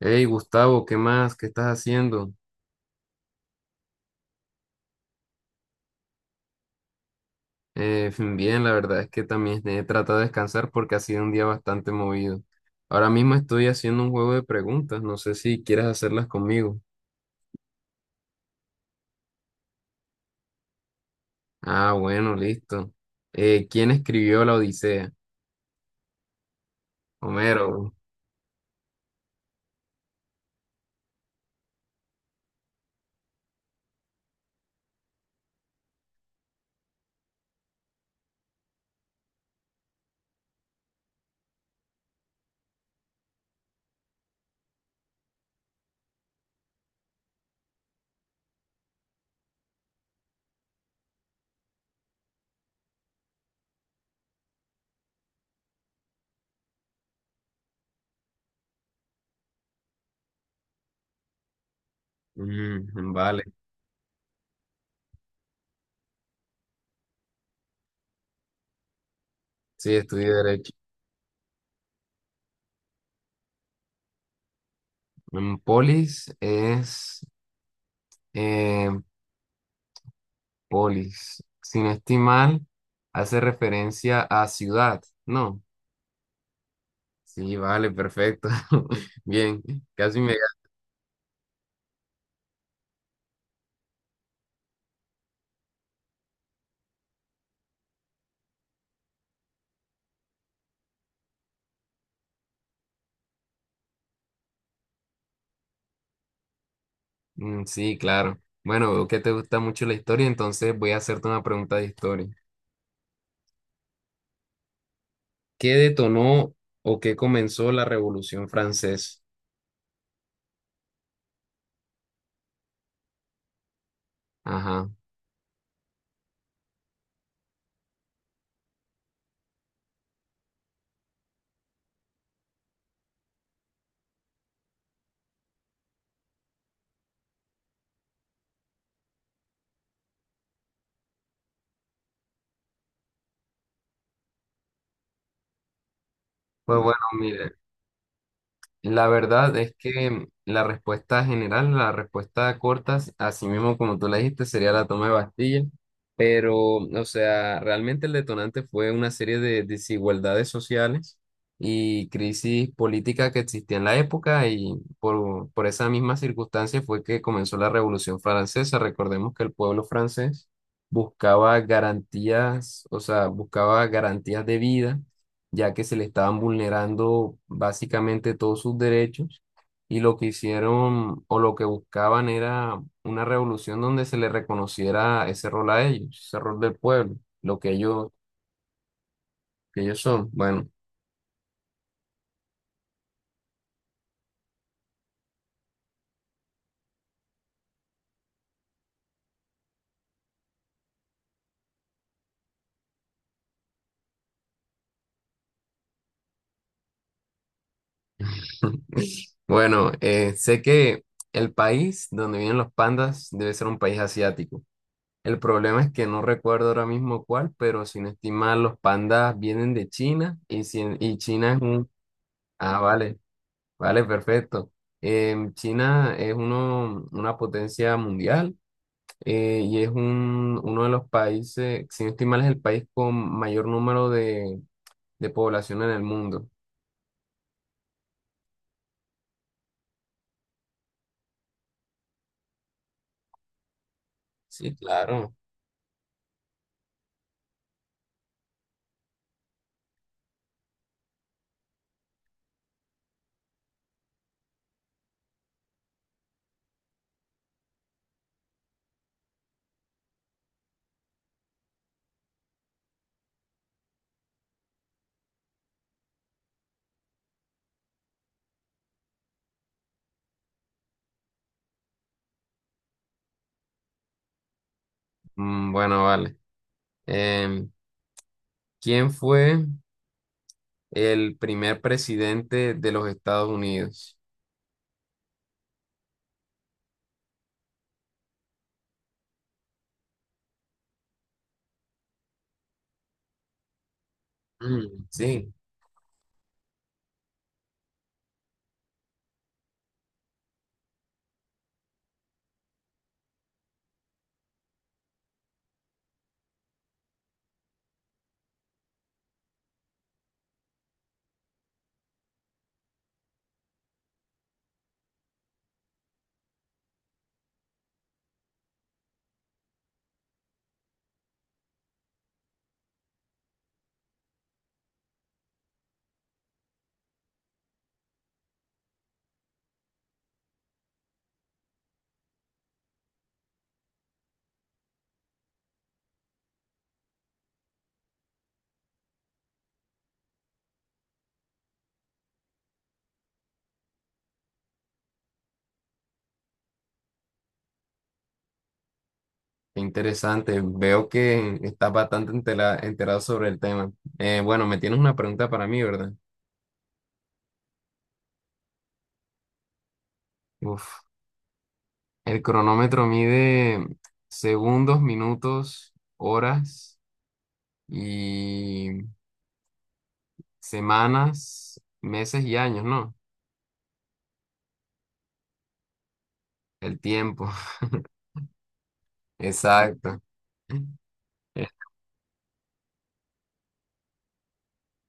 Hey Gustavo, ¿qué más? ¿Qué estás haciendo? Fin, bien, la verdad es que también he tratado de descansar porque ha sido un día bastante movido. Ahora mismo estoy haciendo un juego de preguntas, no sé si quieres hacerlas conmigo. Ah, bueno, listo. ¿Quién escribió la Odisea? Homero. Mm, vale, sí, estudié Derecho. Mm, eh, polis. Sin estimar, hace referencia a ciudad, ¿no? Sí, vale, perfecto. Bien, casi me... Mm, sí, claro. Bueno, veo que te gusta mucho la historia, entonces voy a hacerte una pregunta de historia. ¿Qué detonó o qué comenzó la Revolución Francesa? Ajá. Pues bueno, mira, la verdad es que la respuesta general, la respuesta corta, así mismo como tú la dijiste, sería la toma de Bastilla. Pero, o sea, realmente el detonante fue una serie de desigualdades sociales y crisis política que existía en la época y por esa misma circunstancia fue que comenzó la Revolución Francesa. Recordemos que el pueblo francés buscaba garantías, o sea, buscaba garantías de vida ya que se le estaban vulnerando básicamente todos sus derechos y lo que hicieron o lo que buscaban era una revolución donde se le reconociera ese rol a ellos, ese rol del pueblo, lo que ellos son. Bueno, bueno, sé que el país donde viven los pandas debe ser un país asiático. El problema es que no recuerdo ahora mismo cuál, pero sin estimar, los pandas vienen de China y, si- y China es un... Ah, vale. Vale, perfecto. Em, China es una potencia mundial y es uno de los países, si no estoy mal, es el país con mayor número de población en el mundo. Sí, claro. Mm, bueno, vale. Em, ¿quién fue el primer presidente de los Estados Unidos? Mm, sí, qué interesante. Veo que estás enterado sobre el tema. Bueno, me tienes una pregunta para mí, ¿verdad? Uf. El cronómetro mide segundos, minutos, horas y semanas, meses y años, ¿no? El tiempo, exacto. Eh,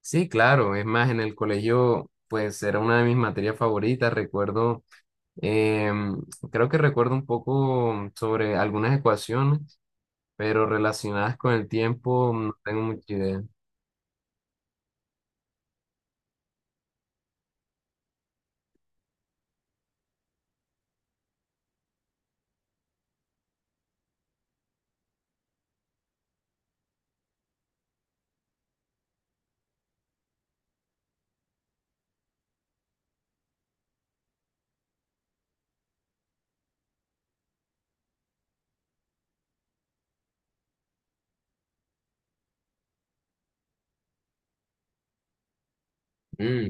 Sí, claro, es más, en el colegio, pues era una de mis materias favoritas. Recuerdo, em, creo que recuerdo un poco sobre algunas ecuaciones, pero relacionadas con el tiempo no tengo mucha idea. Mm,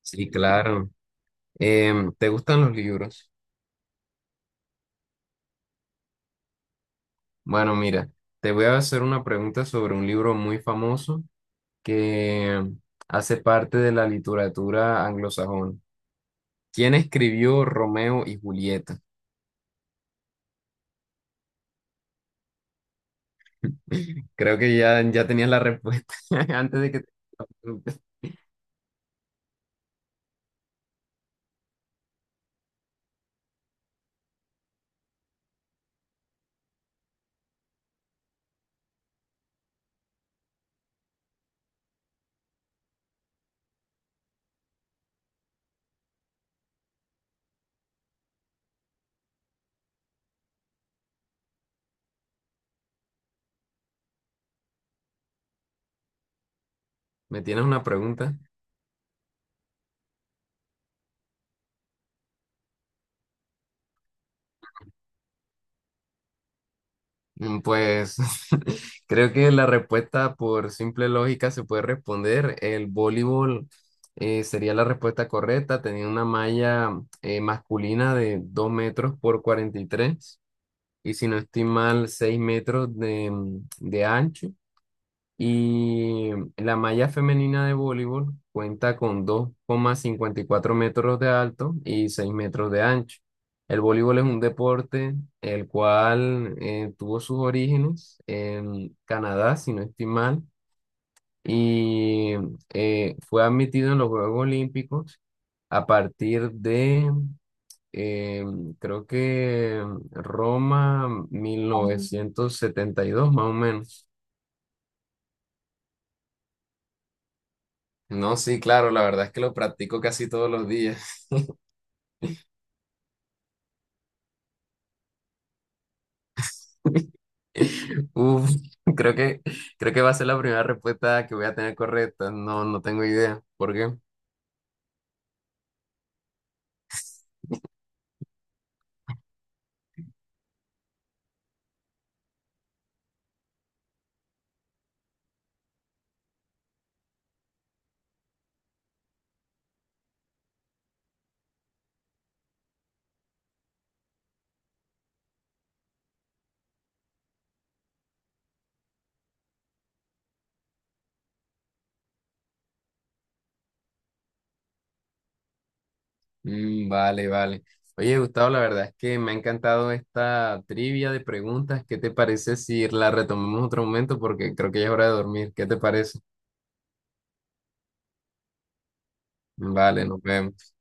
sí, claro. Em, ¿te gustan los libros? Bueno, mira, te voy a hacer una pregunta sobre un libro muy famoso que hace parte de la literatura anglosajona. ¿Quién escribió Romeo y Julieta? Creo que ya tenías la respuesta antes de que te- me tienes una pregunta. Mm, pues creo que la respuesta por simple lógica se puede responder. El voleibol sería la respuesta correcta. Tenía una malla masculina de 2 m por 2,43. Y si no estoy mal, 6 m de ancho. Y la malla femenina de voleibol cuenta con 2,54 m de alto y 6 m de ancho. El voleibol es un deporte el cual tuvo sus orígenes en Canadá, si no estoy mal, y fue admitido en los Juegos Olímpicos a partir de eh, creo que Roma 1972 más o menos. No, sí, claro, la verdad es que lo practico casi todos los días. Uf, creo que, creo que va a ser la primera respuesta que voy a tener correcta. No, no tengo idea. ¿Por qué? Mm, vale, vale. Oye, Gustavo, la verdad es que me ha encantado esta trivia de preguntas. ¿Qué te parece si la retomamos otro momento? Porque creo que ya es hora de dormir. ¿Qué te parece? Vale, nos vemos.